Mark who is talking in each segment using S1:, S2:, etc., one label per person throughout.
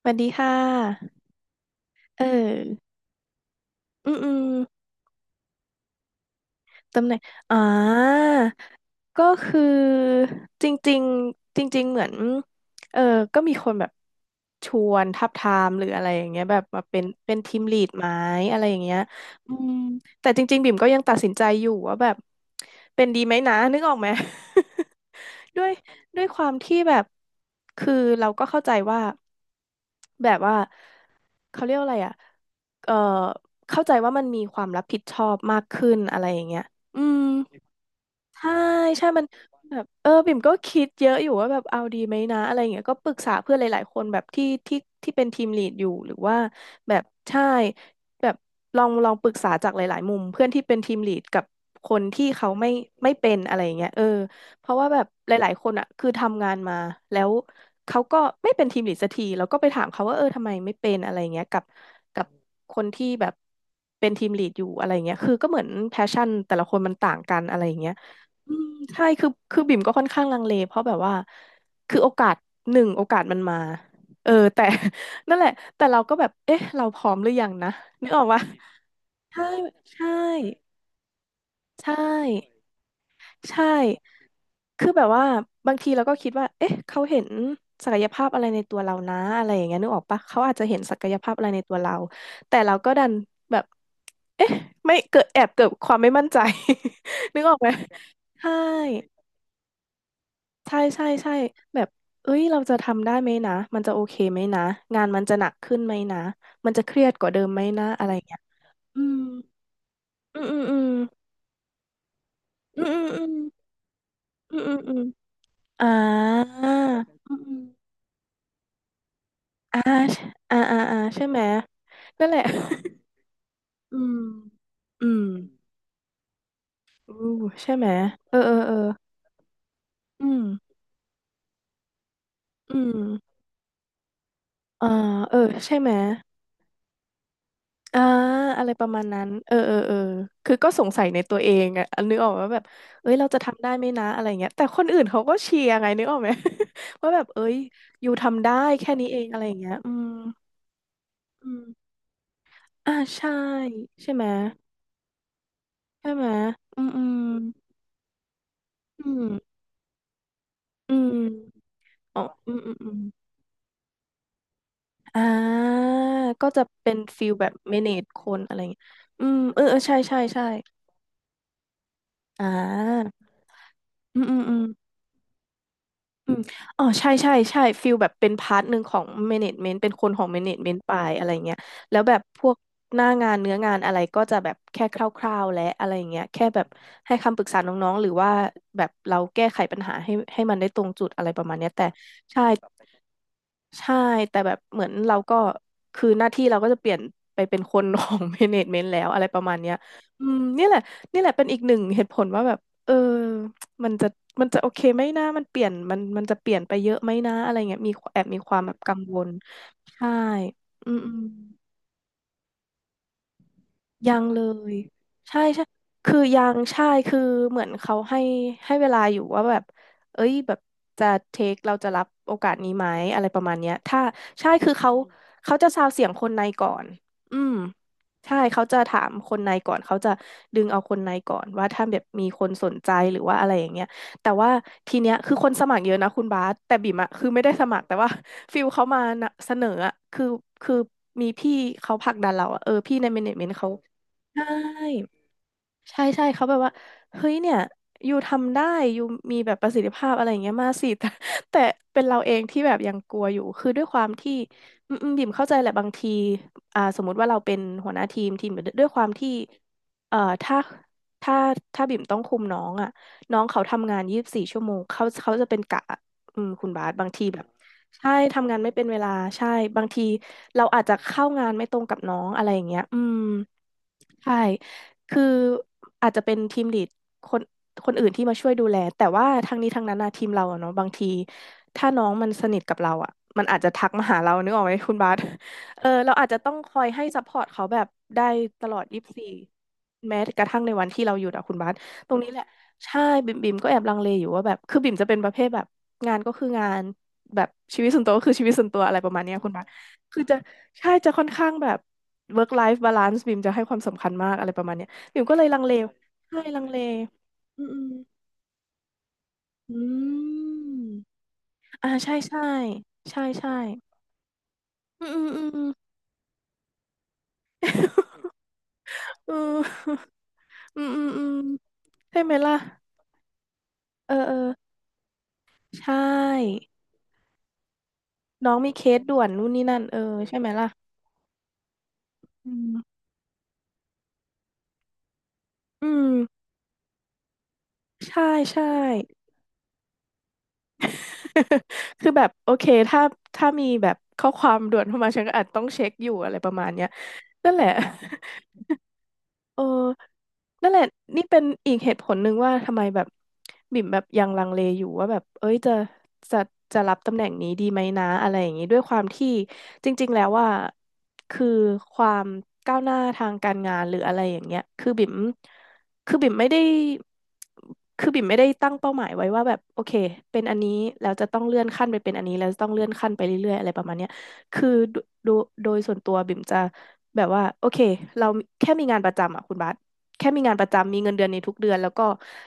S1: สวัสดีค่ะเอออืมอืม ตำแหน่งอ่าก็คือจริงๆจริงๆเหมือนเออก็มีคนแบบชวนทับทามหรืออะไรอย่างเงี้ยแบบมาเป็นทีมลีดไหมอะไรอย่างเงี้ยอืมแต่จริงๆบิ่มก็ยังตัดสินใจอยู่ว่าแบบเป็นดีไหมนะนึกออกไหม ด้วยด้วยความที่แบบคือเราก็เข้าใจว่าแบบว่าเขาเรียกว่าอะไรอ่ะเอ่อเข้าใจว่ามันมีความรับผิดชอบมากขึ้นอะไรอย่างเงี้ย อืม ใช่ใช่มันแบบเออบิ่มก็คิดเยอะอยู่ว่าแบบเอาดีไหมนะอะไรอย่างเงี้ยก็ปรึกษาเพื่อนหลายๆคนแบบที่เป็นทีมลีดอยู่หรือว่าแบบใช่แบบลองปรึกษาจากหลายๆมุมเพื่อนที่เป็นทีมลีดกับคนที่เขาไม่เป็นอะไรอย่างเงี้ยเออเพราะว่าแบบหลายๆคนอ่ะคือทำงานมาแล้วเขาก็ไม่เป็นทีมลีดสักทีแล้วก็ไปถามเขาว่าเออทำไมไม่เป็นอะไรอย่างเงี้ยกับคนที่แบบเป็นทีมลีดอยู่อะไรอย่างเงี้ยคือก็เหมือนแพชชั่นแต่ละคนมันต่างกันอะไรอย่างเงี้ย อืมใช่คือบิ่มก็ค่อนข้างลังเลเพราะแบบว่าคือโอกาสหนึ่งโอกาสมันมาเออแต่ นั่นแหละแต่เราก็แบบเอ๊ะเราพร้อมหรือยังนะนึกออกปะใช่ใช่ใช่ใช่คือแบบว่าบางทีเราก็คิดว่าเอ๊ะเขาเห็นศักยภาพอะไรในตัวเรานะอะไรอย่างเงี้ยนึกออกปะเขาอาจจะเห็นศักยภาพอะไรในตัวเราแต่เราก็ดันแบบเอ๊ะไม่เกิดแอบเกิดความไม่มั่นใจ นึกออกไหมใช่ ใช่แบบเอ้ยเราจะทำได้ไหมนะมันจะโอเคไหมนะงานมันจะหนักขึ้นไหมนะมันจะเครียดกว่าเดิมไหมนะอะไรเงี้ยอืมอืมอืมอืมอืมอืมอืมอืมอืมอ่าอืมอืมอ่าอ่าใช่ไหมนั่นแหละ อืมอืมอู้ใช่ไหมเออเออเอออืมอืมอ่าเออใช่ไหม อ่าอะไรประมาณนั้นเออเออเออคือก็สงสัยในตัวเองอะนึกออกว่าแบบเอ้ยเราจะทำได้ไหมนะอะไรเงี้ยแต่คนอื่นเขาก็เชียร์ไงนึกออกไหม ว่าแบบเอ้ยอยู่ทำได้แค่นี้เองอะไรอย่างเงี้ยอืมอืมอ่าใช่ใช่ไหมใช่ไหมอืมอืมอืมอืมอ๋ออืมอืมอืมอ่าก็จะเป็นฟิลแบบ manage คนอะไรเงี้ยอืมเออเออใช่ใช่ใช่อ่าอืมอืมอืม อืมอ๋อใช่ใช่ใช่ฟิลแบบเป็นพาร์ทหนึ่งของเมเนจเมนต์เป็นคนของเมเนจเมนต์ไปอะไรเงี้ยแล้วแบบพวกหน้างานเนื้องานอะไรก็จะแบบแค่คร่าวๆและอะไรเงี้ยแค่แบบให้คำปรึกษาน้องๆหรือว่าแบบเราแก้ไขปัญหาให้มันได้ตรงจุดอะไรประมาณเนี้ยแต่ใช่ ใช่แต่แบบเหมือนเราก็คือหน้าที่เราก็จะเปลี่ยนไปเป็นคน ของ เมเนจเมนต์แล้วอะไรประมาณเนี้ยอืมนี่แหละนี่แหละเป็นอีกหนึ่งเหตุผลว่าแบบเออมันจะมันจะโอเคไหมนะมันเปลี่ยนมันจะเปลี่ยนไปเยอะไหมนะอะไรเงี้ยมีแอบมีความแบบกังวลใช่อืมอืม ยังเลยใช่ใช่คือยังใช่คือเหมือนเขาให้เวลาอยู่ว่าแบบเอ้ยแบบจะเทคเราจะรับโอกาสนี้ไหมอะไรประมาณเนี้ยถ้าใช่คือเขาจะซาวเสียงคนในก่อนอืมใช่เขาจะถามคนในก่อนเขาจะดึงเอาคนในก่อนว่าถ้าแบบมีคนสนใจหรือว่าอะไรอย่างเงี้ยแต่ว่าทีเนี้ยคือคนสมัครเยอะนะคุณบาสแต่บิ่มอะคือไม่ได้สมัครแต่ว่า ฟิลเขามานะเสนออะคือคือมีพี่เขาผลักดันเราอะเออพี่ในเมเนจเมนต์เขา ใช่ใช่ใช่เขาแบบว่า เฮ้ยเนี่ยอยู่ทำได้ยูมีแบบประสิทธิภาพอะไรอย่างเงี้ยมา สิแต่แต่เป็นเราเองที่แบบยังกลัวอยู่คือด้วยความที่อืมอืมบิ่มเข้าใจแหละบางทีสมมุติว่าเราเป็นหัวหน้าทีมด้วยความที่เอ่อถ้าถ้าถ้าบิ่มต้องคุมน้องอ่ะน้องเขาทำงาน24 ชั่วโมงเขาจะเป็นกะอืมคุณบาสบางทีแบบใช่ทำงานไม่เป็นเวลา ใช่บางทีเราอาจจะเข้างานไม่ตรงกับน้องอะไรอย่างเงี้ยอืมใช่ คืออาจจะเป็นทีมลีดคนคนอื่นที่มาช่วยดูแลแต่ว่าทั้งนี้ทั้งนั้นนะทีมเราอะเนาะบางทีถ้าน้องมันสนิทกับเราอะมันอาจจะทักมาหาเรานึกออกไหมคุณบาสเออเราอาจจะต้องคอยให้ซัพพอร์ตเขาแบบได้ตลอดยี่สิบสี่แม้กระทั่งในวันที่เราหยุดอะคุณบาสตรงนี้แหละใช่บิ่มก็แอบลังเลอยู่ว่าแบบคือบิ่มจะเป็นประเภทแบบงานก็คืองานแบบชีวิตส่วนตัวก็คือชีวิตส่วนตัวอะไรประมาณเนี้ยคุณบาสคือจะใช่จะค่อนข้างแบบ work life balance บิ่มจะให้ความสำคัญมากอะไรประมาณเนี้ย ปิ่มก็เลยลังเลใช่ลังเลอืมอืมอืมอ่าใช่ใช่ใช่ใช่อืมอืมอืมอืมอืมอืมอืมใช่ไหมล่ะเออเออใช่น้องมีเคสด่วนนู่นนี่นั่นเออใช่ไหมล่ะอืมอืมใช่ใช่ คือแบบโอเคถ้ามีแบบข้อความด่วนเข้ามาฉันก็อาจต้องเช็คอยู่อะไรประมาณเนี้ยนั่นแหละ เออนั่นแหละนี่เป็นอีกเหตุผลหนึ่งว่าทำไมแบบบิ่มแบบยังลังเลอยู่ว่าแบบเอ้ยจะจะรับตำแหน่งนี้ดีไหมนะอะไรอย่างนี้ด้วยความที่จริงๆแล้วว่าคือความก้าวหน้าทางการงานหรืออะไรอย่างเงี้ยคือบิ่มคือบิ่มไม่ได้คือบิ่มไม่ได้ตั้งเป้าหมายไว้ว่าแบบโอเคเป็นอันนี้แล้วจะต้องเลื่อนขั้นไปเป็นอันนี้แล้วจะต้องเลื่อนขั้นไปเรื่อยๆอะไรประมาณเนี้ยคือโดโดยส่วนตัวบิ่มจะ แบบว่าโอเคเราแค่มีงานประจำอ่ะคุณบาสแค่มีงานประจำมีเงินเดือนในทุกเดือนแล้วก็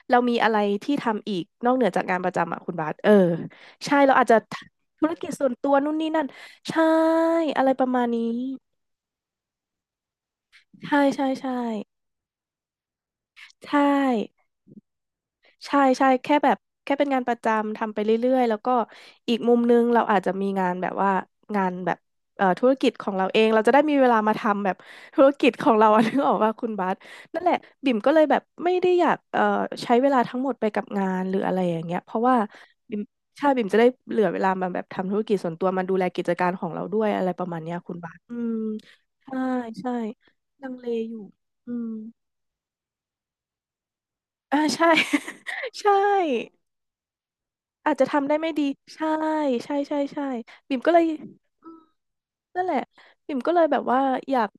S1: เรามีอะไรที่ทำอีกนอกเหนือจากงานประจำอ่ะคุณบาสเออใช่เราอาจจะธุรกิจส่วนตัวนู่นนี่นั่นใช่อะไรประมาณนี้ใช่ใช่ใช่ใช่ ใช่ใช่แค่แบบแค่เป็นงานประจำทำไปเรื่อยๆแล้วก็อีกมุมนึงเราอาจจะมีงานแบบว่างานแบบธุรกิจของเราเองเราจะได้มีเวลามาทำแบบธุรกิจของเราอะ นึกออกว่าคุณบาสนั่นแหละบิ่มก็เลยแบบไม่ได้อยากใช้เวลาทั้งหมดไปกับงานหรืออะไรอย่างเงี้ยเพราะว่าบิ่มใช่บิ่มจะได้เหลือเวลามาแบบทำธุรกิจส่วนตัวมาดูแลกิจการของเราด้วยอะไรประมาณเนี้ยคุณบาสอืมใช่ใช่ลังเลอยู่อืมอ่าใช่ ใช่ อาจจะทำได้ไม่ดี ใช่ใช่ใช่ใช่บิ่มก็เลยอืม นั่นแหละปิ่มก็เลยแบบว่าอยาก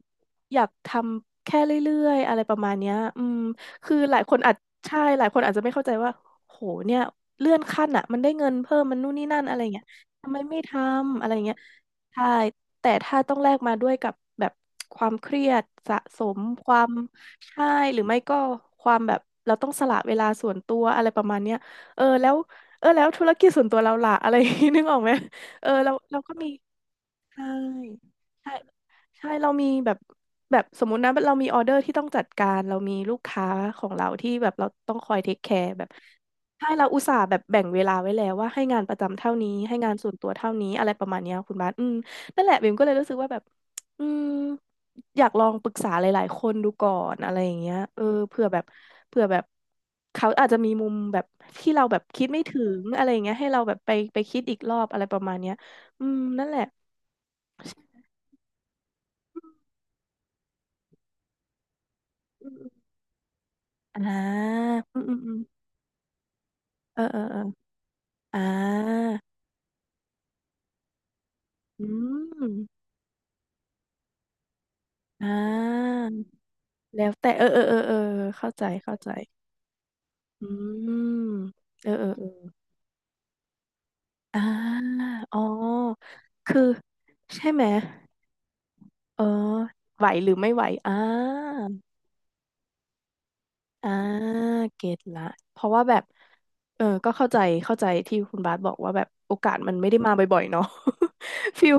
S1: อยากทำแค่เรื่อยๆอะไรประมาณเนี้ยอืมคือหลายคนอาจใช่หลายคนอาจจะไม่เข้าใจว่าโหเนี่ยเลื่อนขั้นอ่ะมันได้เงินเพิ่มมันนู่นนี่นั่นอะไรเงี้ยทำไมไม่ทำอะไรเงี้ยใช่แต่ถ้าต้องแลกมาด้วยกับแบบความเครียดสะสมความใช่หรือไม่ก็ความแบบเราต้องสละเวลาส่วนตัวอะไรประมาณเนี้ยเออแล้วเออแล้วธุรกิจส่วนตัวเราล่ะอะไรอย่างงี้นึกออกไหมเออเราก็มี ใช่ใช่ใช่เรามีแบบแบบสมมุตินะเรามีออเดอร์ที่ต้องจัดการเรามีลูกค้าของเราที่แบบเราต้องคอยเทคแคร์แบบใช่เราอุตส่าห์แบบแบ่งเวลาไว้แล้วว่าให้งานประจำเท่านี้ให้งานส่วนตัวเท่านี้อะไรประมาณเนี้ยคุณบาสอืมนั่นแหละเบมก็เลยรู้สึกว่าแบบอืมอยากลองปรึกษาหลายๆคนดูก่อนอะไรอย่างเงี้ยเออเผื่อแบบเผื่อแบบเขาอาจจะมีมุมแบบที่เราแบบคิดไม่ถึงอะไรอย่างเงี้ยให้เราแบบไปคิดอีกรอบอะไรประมาณเนี้ยอืมนั่นแหละ อ่าอืมอืมอืมเออเออเอออ่าอืมอ่าแล้วแต่เออเออเออเออเข้าใจเข้าใจอืมเออเออเอออ่าอ๋อคือใช่ไหมเออไหวหรือไม่ไหวอ่า อ่าเก็ตละเพราะว่าแบบเออก็เข้าใจเข้าใจที่คุณบาสบอกว่าแบบโอกาสมันไม่ได้มาบ่อยๆเนาะ ฟิล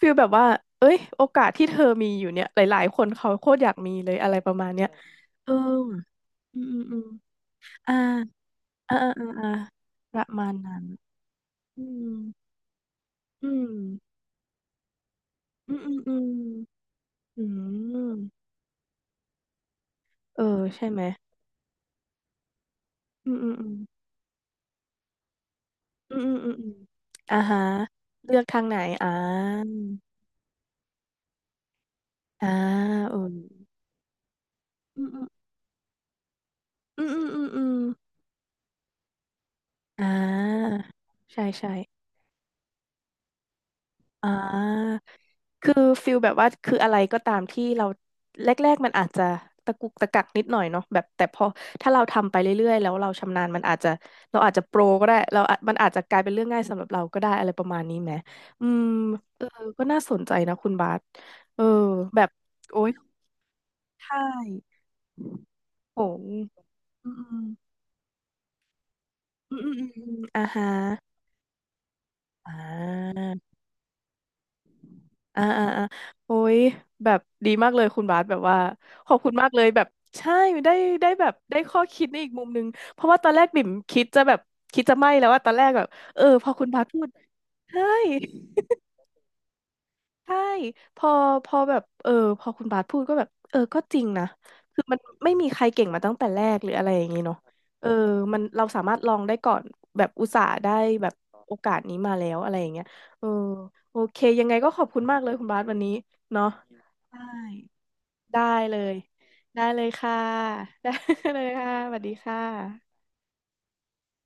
S1: แบบว่าเอ้ยโอกาสที่เธอมีอยู่เนี่ยหลายๆคนเขาโคตรอยากมีเลยอะไรประมาณเนี้ยเอออืมอืมอืมอ่าอ่าอ่าอ่าอ่าประมาณนั้นอืมอืมอืมอืมอืมอืมเออใช่ไหมอืมอืมอืมอืมอืมอืมอืมอ่าฮะเลือกทางไหนอ่าอ่าเออ อืมอืมอืมอืมอืมอ่าใช่ใช่อ่าคือฟิลแบบว่าคืออะไรก็ตามที่เราแรกๆมันอาจจะตะกุกตะกักนิดหน่อยเนาะแบบแต่พอถ้าเราทำไปเรื่อยๆแล้วเราชำนาญมันอาจจะเราอาจจะโปรก็ได้เราอาจมันอาจจะกลายเป็นเรื่องง่ายสำหรับเราก็ได้อะไรประมาณนี้ไหมอืมเออก็น่าสนใจนะคุณบาสเออแบบโอ๊ยใช่โหอืมอืมอืมอืมอืมอ่าฮะอ่า อ่าอ่าอ่าโอ้ยแบบดีมากเลยคุณบาสแบบว่าขอบคุณมากเลยแบบใช่ได้ได้แบบได้ข้อคิดในอีกมุมนึงเพราะว่าตอนแรกบิ่มคิดจะแบบคิดจะไม่แล้วว่าตอนแรกแบบเออพอคุณบาสพูดใช่ ใช่พอพอแบบเออพอคุณบาสพูดก็แบบเออก็จริงนะคือมันไม่มีใครเก่งมาตั้งแต่แรกหรืออะไรอย่างงี้เนาะเออมันเราสามารถลองได้ก่อนแบบอุตส่าห์ได้แบบโอกาสนี้มาแล้วอะไรอย่างเงี้ยเออโอเคยังไงก็ขอบคุณมากเลยคุณบาสวันนี้เนาะได้ได้เลยค่ะ ได้เลยค่ะสวัสดีค่ะ